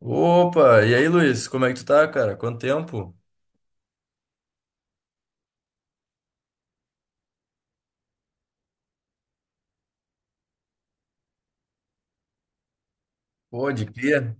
Opa, e aí, Luiz, como é que tu tá, cara? Quanto tempo? Pô, de cria?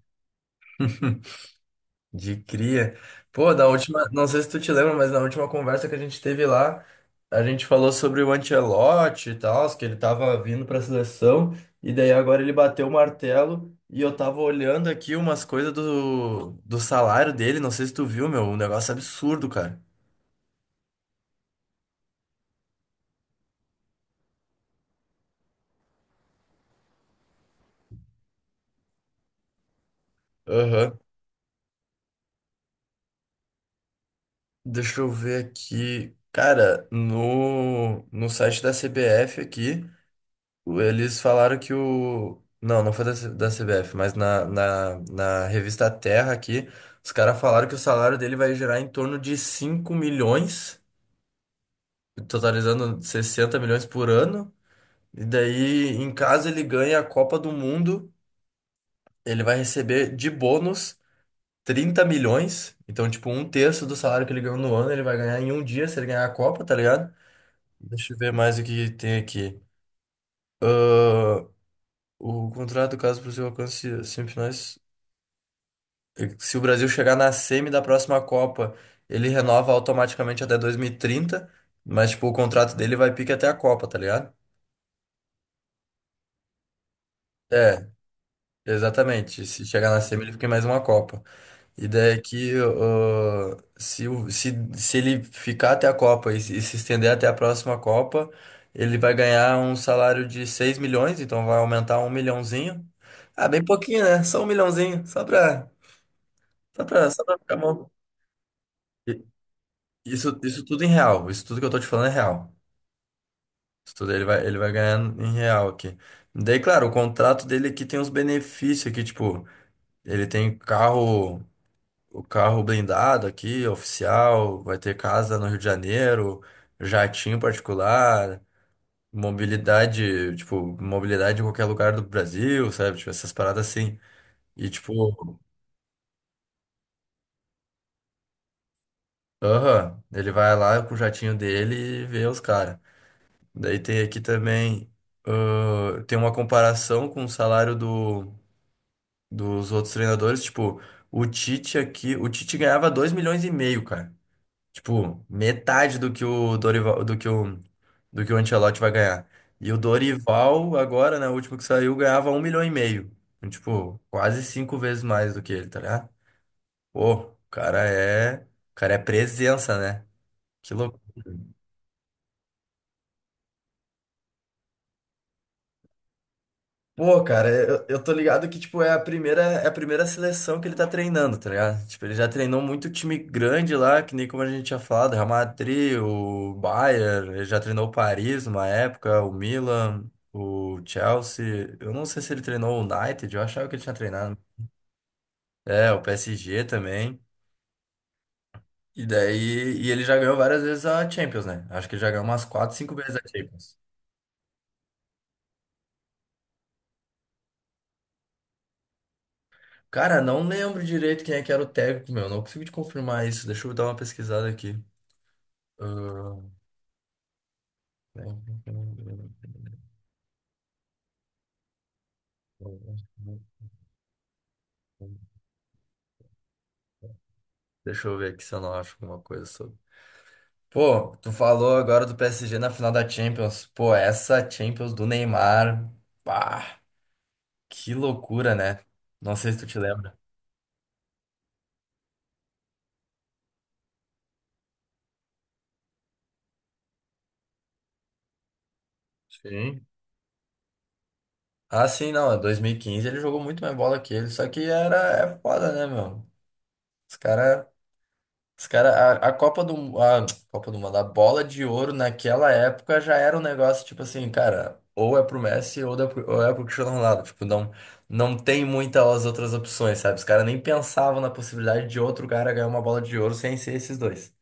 De cria. Pô, da última, não sei se tu te lembra, mas na última conversa que a gente teve lá, a gente falou sobre o Ancelotti e tal, que ele tava vindo pra seleção, e daí agora ele bateu o martelo, e eu tava olhando aqui umas coisas do salário dele, não sei se tu viu, meu, um negócio absurdo, cara. Aham. Deixa eu ver aqui. Cara, no site da CBF aqui. Eles falaram que o. Não, não foi da, da CBF, mas na revista Terra aqui, os caras falaram que o salário dele vai gerar em torno de 5 milhões, totalizando 60 milhões por ano. E daí, em caso ele ganhe a Copa do Mundo, ele vai receber de bônus 30 milhões. Então, tipo, um terço do salário que ele ganhou no ano, ele vai ganhar em um dia se ele ganhar a Copa, tá ligado? Deixa eu ver mais o que tem aqui. Ah, o contrato, caso para o seu alcance semifinais. Se o Brasil chegar na semi da próxima Copa, ele renova automaticamente até 2030, mas tipo, o contrato dele vai pique até a Copa, tá ligado? É, exatamente. Se chegar na semi, ele fica em mais uma Copa. Ideia é que se, se ele ficar até a Copa e, se estender até a próxima Copa, ele vai ganhar um salário de 6 milhões, então vai aumentar um milhãozinho. Ah, bem pouquinho, né? Só um milhãozinho, só pra ficar bom. Isso tudo em real. Isso tudo que eu tô te falando é real. Isso tudo ele vai ganhar em real aqui. Daí, claro, o contrato dele aqui tem uns benefícios aqui, tipo, ele tem carro, o carro blindado aqui, oficial, vai ter casa no Rio de Janeiro, jatinho particular, mobilidade, tipo, mobilidade em qualquer lugar do Brasil, sabe? Tipo, essas paradas assim. E tipo, aham, ele vai lá com o jatinho dele e vê os caras. Daí tem aqui também, ah, tem uma comparação com o salário dos outros treinadores. Tipo, o Tite aqui, o Tite ganhava 2,5 milhões, cara. Tipo, metade do que o Dorival, do que o Ancelotti vai ganhar. E o Dorival, agora, né, o último que saiu, ganhava 1,5 milhão. Então, tipo, quase cinco vezes mais do que ele, tá ligado? Pô, o cara é presença, né? Que louco. Pô, cara, eu tô ligado que, tipo, é a primeira seleção que ele tá treinando, tá ligado? Tipo, ele já treinou muito time grande lá, que nem como a gente tinha falado, Real Madrid, o Bayern, ele já treinou o Paris numa época, o Milan, o Chelsea. Eu não sei se ele treinou o United, eu achava que ele tinha treinado. É, o PSG também. E daí, e ele já ganhou várias vezes a Champions, né? Acho que ele já ganhou umas 4, 5 vezes a Champions. Cara, não lembro direito quem é que era o técnico, meu. Não consigo te confirmar isso. Deixa eu dar uma pesquisada aqui. Ah, deixa eu ver aqui se eu não acho alguma coisa sobre. Pô, tu falou agora do PSG na final da Champions. Pô, essa Champions do Neymar. Pá, que loucura, né? Não sei se tu te lembra. Sim. Ah, sim, não. Em 2015 ele jogou muito mais bola que ele. Só que era é foda, né, meu? Os caras. Os cara, a a Copa do Mundo, a bola de ouro naquela época já era um negócio tipo assim, cara, ou é pro Messi ou é pro Cristiano Ronaldo. Tipo, não tem muitas outras opções, sabe? Os caras nem pensavam na possibilidade de outro cara ganhar uma bola de ouro sem ser esses dois.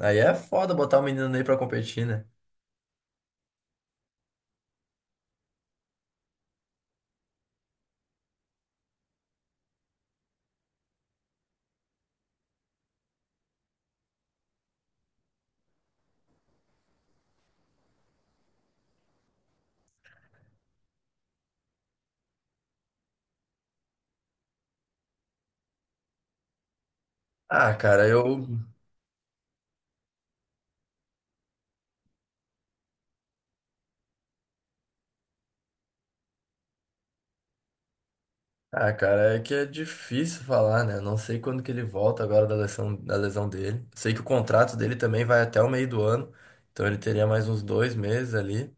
Aí é foda botar o menino Ney pra competir, né? Ah, cara, eu. Ah, cara, é que é difícil falar, né? Eu não sei quando que ele volta agora da lesão dele. Sei que o contrato dele também vai até o meio do ano, então ele teria mais uns dois meses ali.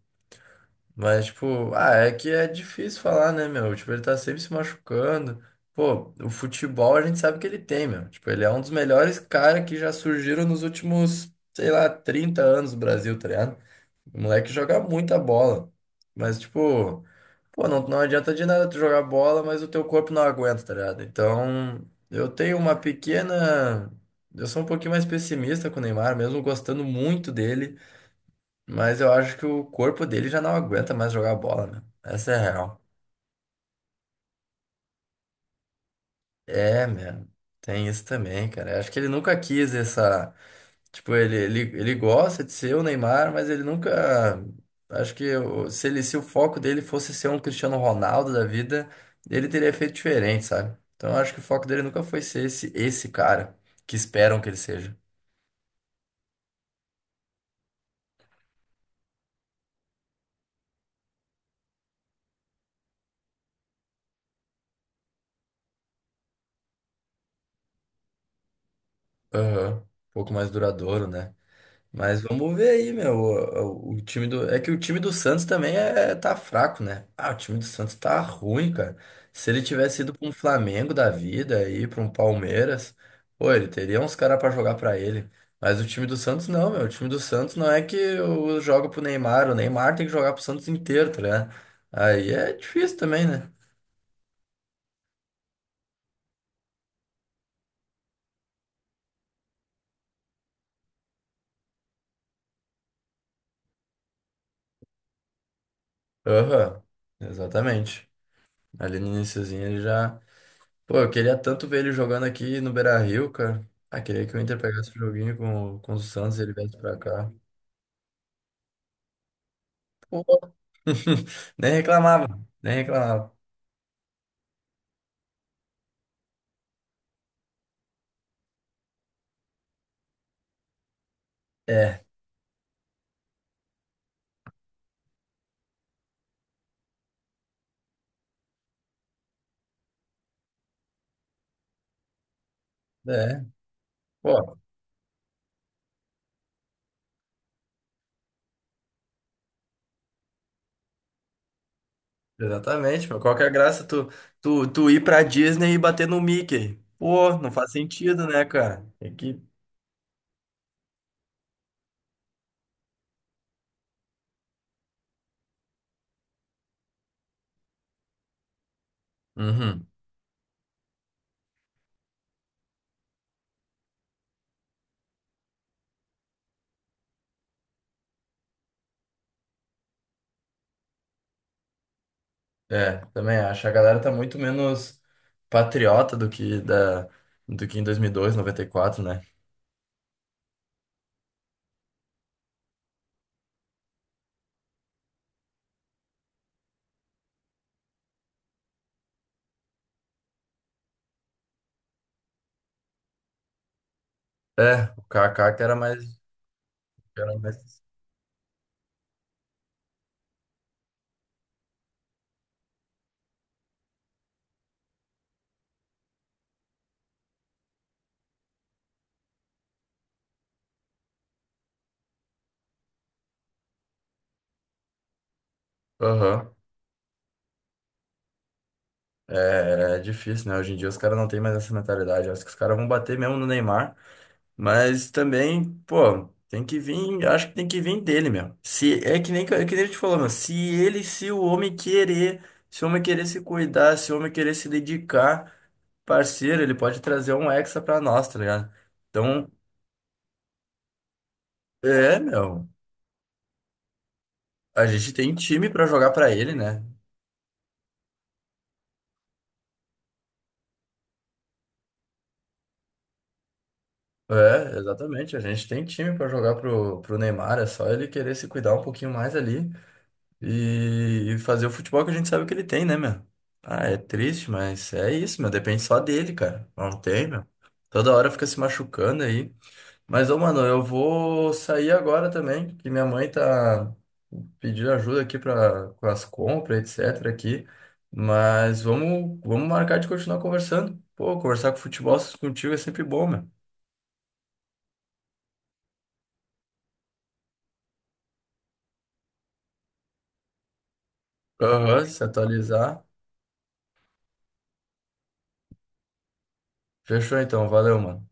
Mas, tipo, ah, é que é difícil falar, né, meu? Tipo, ele tá sempre se machucando. Pô, o futebol a gente sabe que ele tem, meu. Tipo, ele é um dos melhores caras que já surgiram nos últimos, sei lá, 30 anos do Brasil, tá ligado? O moleque joga muita bola. Mas, tipo, pô, não adianta de nada tu jogar bola, mas o teu corpo não aguenta, tá ligado? Então, eu tenho uma pequena. Eu sou um pouquinho mais pessimista com o Neymar, mesmo gostando muito dele, mas eu acho que o corpo dele já não aguenta mais jogar bola, né? Essa é a real. É, mesmo. Tem isso também, cara. Eu acho que ele nunca quis essa. Tipo, ele gosta de ser o Neymar, mas ele nunca. Acho que se o foco dele fosse ser um Cristiano Ronaldo da vida, ele teria feito diferente, sabe? Então eu acho que o foco dele nunca foi ser esse cara que esperam que ele seja. Aham. Um pouco mais duradouro, né? Mas vamos ver aí, meu. O time do. É que o time do Santos também tá fraco, né? Ah, o time do Santos tá ruim, cara. Se ele tivesse ido pra um Flamengo da vida aí, pra um Palmeiras, pô, ele teria uns caras pra jogar pra ele. Mas o time do Santos não, meu. O time do Santos não é que o- joga pro Neymar. O Neymar tem que jogar pro Santos inteiro, tá ligado? Aí é difícil também, né? Aham, exatamente. Ali no iniciozinho ele já. Pô, eu queria tanto ver ele jogando aqui no Beira-Rio, cara. Ah, queria que o Inter pegasse o joguinho com o Santos e ele viesse pra cá. Pô. Nem reclamava, nem reclamava. É, é. Pô, exatamente, meu. Qual que é a graça tu ir pra Disney e bater no Mickey? Pô, não faz sentido, né, cara? Tem que... Uhum. É, também acho. A galera tá muito menos patriota do que em 2002, 94, né? É, o Kaká que era mais... Que era mais... Aham. É, é difícil, né? Hoje em dia os caras não têm mais essa mentalidade. Acho que os caras vão bater mesmo no Neymar. Mas também, pô, tem que vir. Acho que tem que vir dele mesmo. Se, é que nem, é que nem a gente falou, se o homem querer, se o homem querer se cuidar, se o homem querer se dedicar, parceiro, ele pode trazer um hexa pra nós, tá ligado? Então, é, meu. A gente tem time pra jogar pra ele, né? É, exatamente. A gente tem time pra jogar pro Neymar. É só ele querer se cuidar um pouquinho mais ali. E fazer o futebol que a gente sabe que ele tem, né, meu? Ah, é triste, mas é isso, meu. Depende só dele, cara. Não tem, meu. Toda hora fica se machucando aí. Mas, ô, mano, eu vou sair agora também, que minha mãe tá pedindo ajuda aqui pra, com as compras, etc, aqui. Mas vamos marcar de continuar conversando. Pô, conversar com futebol contigo é sempre bom, meu. Aham, se atualizar. Fechou então, valeu, mano.